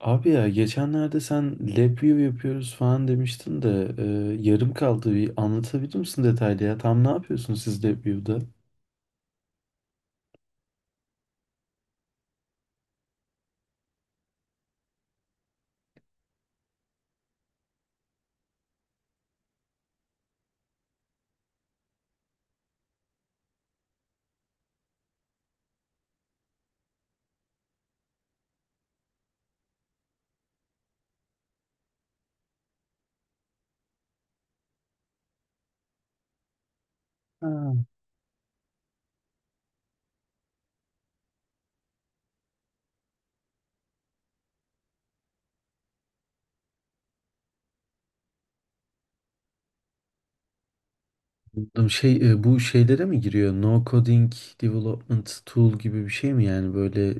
Abi ya geçenlerde sen lab view yapıyoruz falan demiştin de yarım kaldı. Bir anlatabilir misin detaylı ya? Tam ne yapıyorsunuz siz lab view'da? Ha. Anladım. Şey, bu şeylere mi giriyor? No coding development tool gibi bir şey mi yani böyle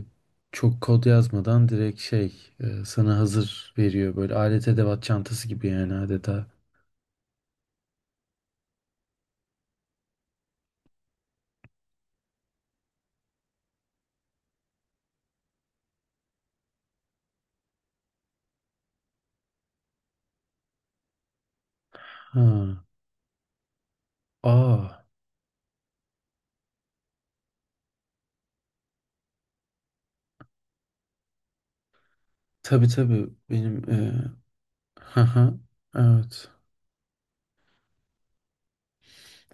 e, çok kod yazmadan direkt şey sana hazır veriyor böyle alet edevat çantası gibi yani adeta. Ha. Aa. Tabii tabii benim haha evet.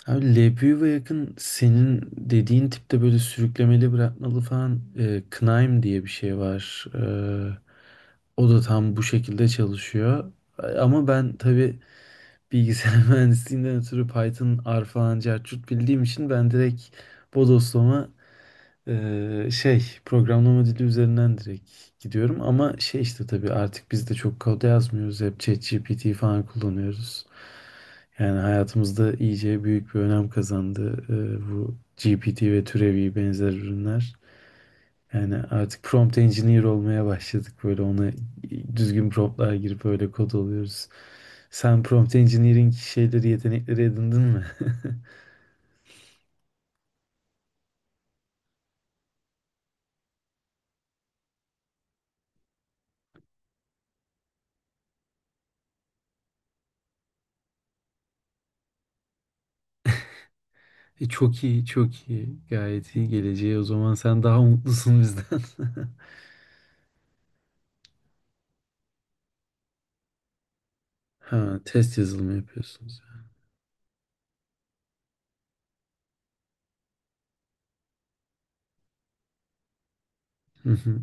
Abi Lebow'a yakın senin dediğin tipte böyle sürüklemeli bırakmalı falan Knaim diye bir şey var. O da tam bu şekilde çalışıyor. Ama ben tabii bilgisayar mühendisliğinden ötürü Python, R falan cart curt bildiğim için ben direkt bodoslama şey programlama dili üzerinden direkt gidiyorum ama şey işte tabii artık biz de çok kod yazmıyoruz, hep ChatGPT falan kullanıyoruz. Yani hayatımızda iyice büyük bir önem kazandı bu GPT ve türevi benzer ürünler. Yani artık prompt engineer olmaya başladık, böyle ona düzgün promptlar girip öyle kod oluyoruz. Sen prompt engineering şeyleri yetenekleri edindin mi? Çok iyi, çok iyi, gayet iyi geleceği, o zaman sen daha mutlusun bizden. Ha, test yazılımı yapıyorsunuz. Yani. Hı hı.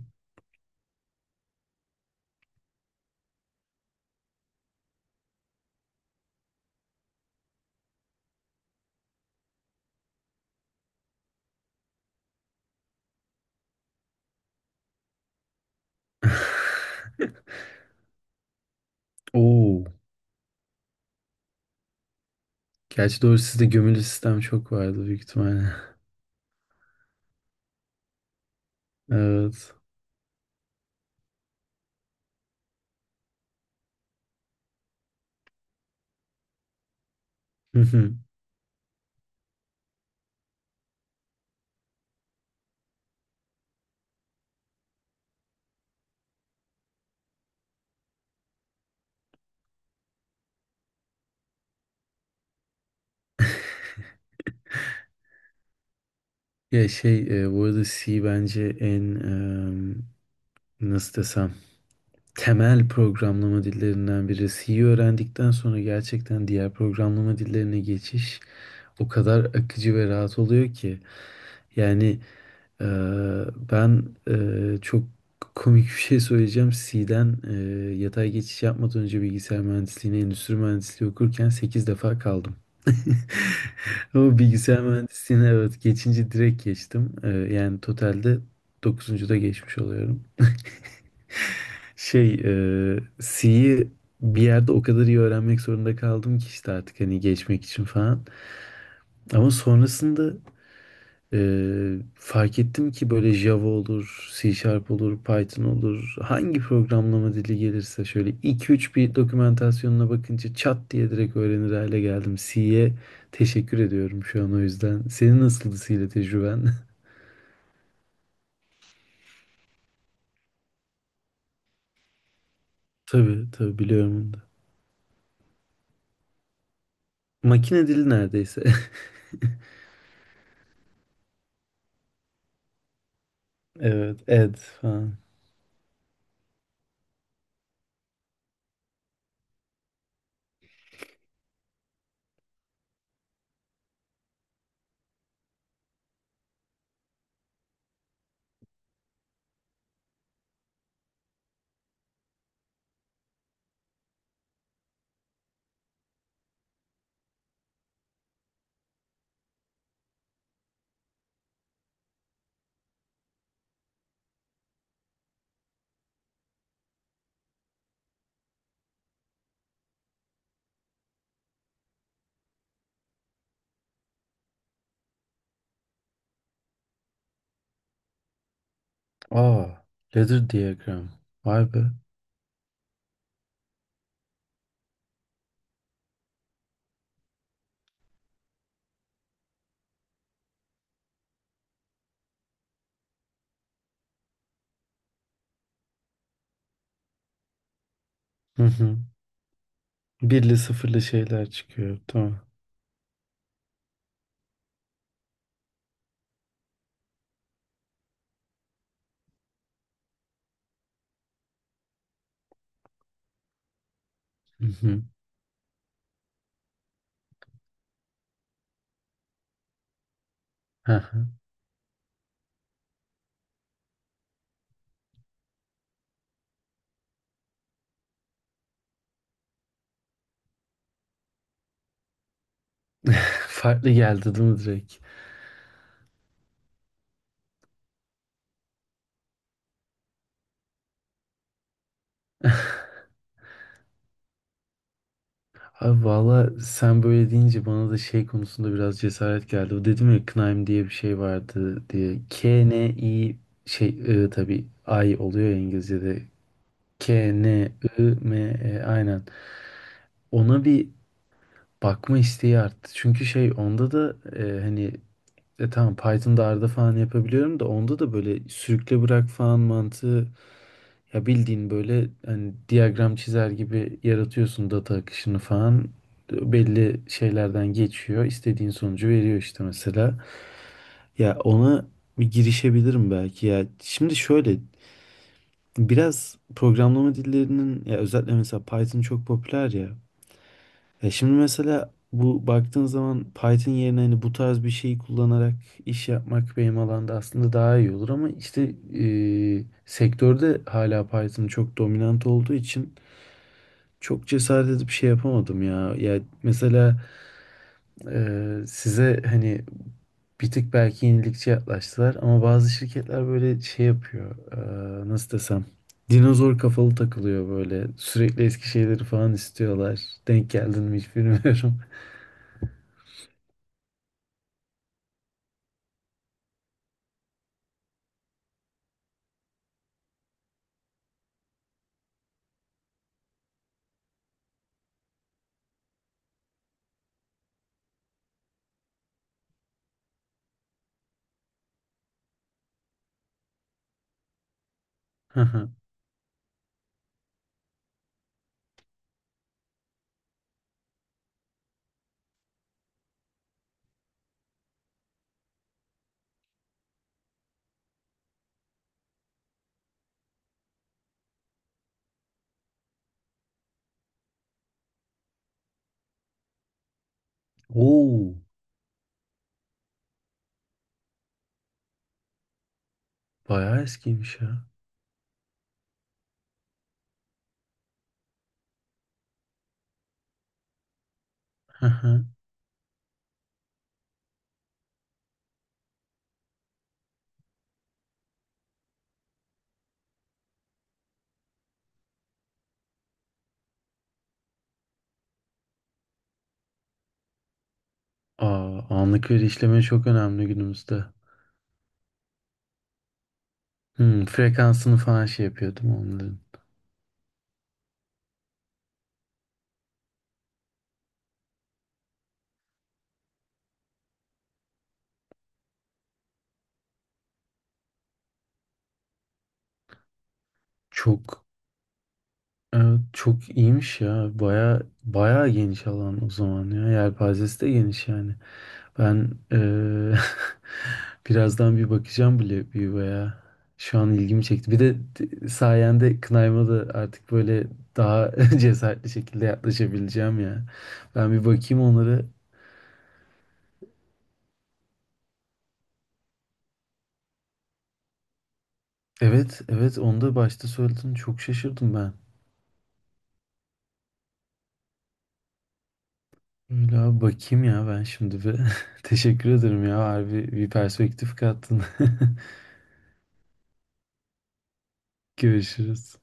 Oo. Gerçi doğru, sizde gömülü sistem çok vardı büyük ihtimalle. Evet. Hı hı. Ya şey bu arada C bence en nasıl desem temel programlama dillerinden biri. C'yi öğrendikten sonra gerçekten diğer programlama dillerine geçiş o kadar akıcı ve rahat oluyor ki. Yani Ee, ben çok komik bir şey söyleyeceğim. C'den yatay geçiş yapmadan önce bilgisayar mühendisliğine, endüstri mühendisliği okurken 8 defa kaldım. Ama bilgisayar mühendisliğine evet, geçince direkt geçtim. Yani totalde 9. da geçmiş oluyorum. Şey, C'yi bir yerde o kadar iyi öğrenmek zorunda kaldım ki işte, artık hani geçmek için falan. Ama sonrasında fark ettim ki böyle Java olur, C Sharp olur, Python olur. Hangi programlama dili gelirse şöyle iki üç bir dokumentasyonuna bakınca çat diye direkt öğrenir hale geldim. C'ye teşekkür ediyorum şu an, o yüzden. Senin nasıldı C ile tecrüben? Tabii tabii biliyorum onu da. Makine dili neredeyse. Evet, ed falan. Aa, ladder diagram. Vay be. Hı hı. Birli sıfırlı şeyler çıkıyor. Tamam. Hı hı. Hı hı. Farklı geldi değil mi direkt? Abi valla sen böyle deyince bana da şey konusunda biraz cesaret geldi. O dedim ya, Knaim diye bir şey vardı diye. K, N, I, şey, I, tabii I oluyor ya İngilizce'de. KNIME, aynen. Ona bir bakma isteği arttı. Çünkü şey, onda da hani tamam, Python'da arada falan yapabiliyorum da, onda da böyle sürükle bırak falan mantığı, ya bildiğin böyle hani diyagram çizer gibi yaratıyorsun, data akışını falan belli şeylerden geçiyor, istediğin sonucu veriyor işte mesela. Ya ona bir girişebilirim belki ya, şimdi şöyle biraz programlama dillerinin ya, özellikle mesela Python çok popüler ya, şimdi mesela bu, baktığın zaman Python yerine hani bu tarz bir şeyi kullanarak iş yapmak benim alanda aslında daha iyi olur ama işte sektörde hala Python çok dominant olduğu için çok cesaret edip şey yapamadım ya. Ya mesela size hani bir tık belki yenilikçi yaklaştılar ama bazı şirketler böyle şey yapıyor. Nasıl desem? Dinozor kafalı takılıyor böyle. Sürekli eski şeyleri falan istiyorlar. Denk geldin mi hiç bilmiyorum. Oo, bayağı eskiymiş ya. Hı hı. Aa, anlık veri işleme çok önemli günümüzde. Hmm, frekansını falan şey yapıyordum onların. Çok, evet, çok iyiymiş ya. Bayağı bayağı geniş alan o zaman ya. Yelpazesi de geniş yani. Ben birazdan bir bakacağım bile, bir veya şu an ilgimi çekti. Bir de sayende Knayma da artık böyle daha cesaretli şekilde yaklaşabileceğim ya. Ben bir bakayım onları. Evet, evet, onu da başta söyledin. Çok şaşırdım ben. Öyle abi, bakayım ya ben şimdi bir. Teşekkür ederim ya. Harbi bir perspektif kattın. Görüşürüz.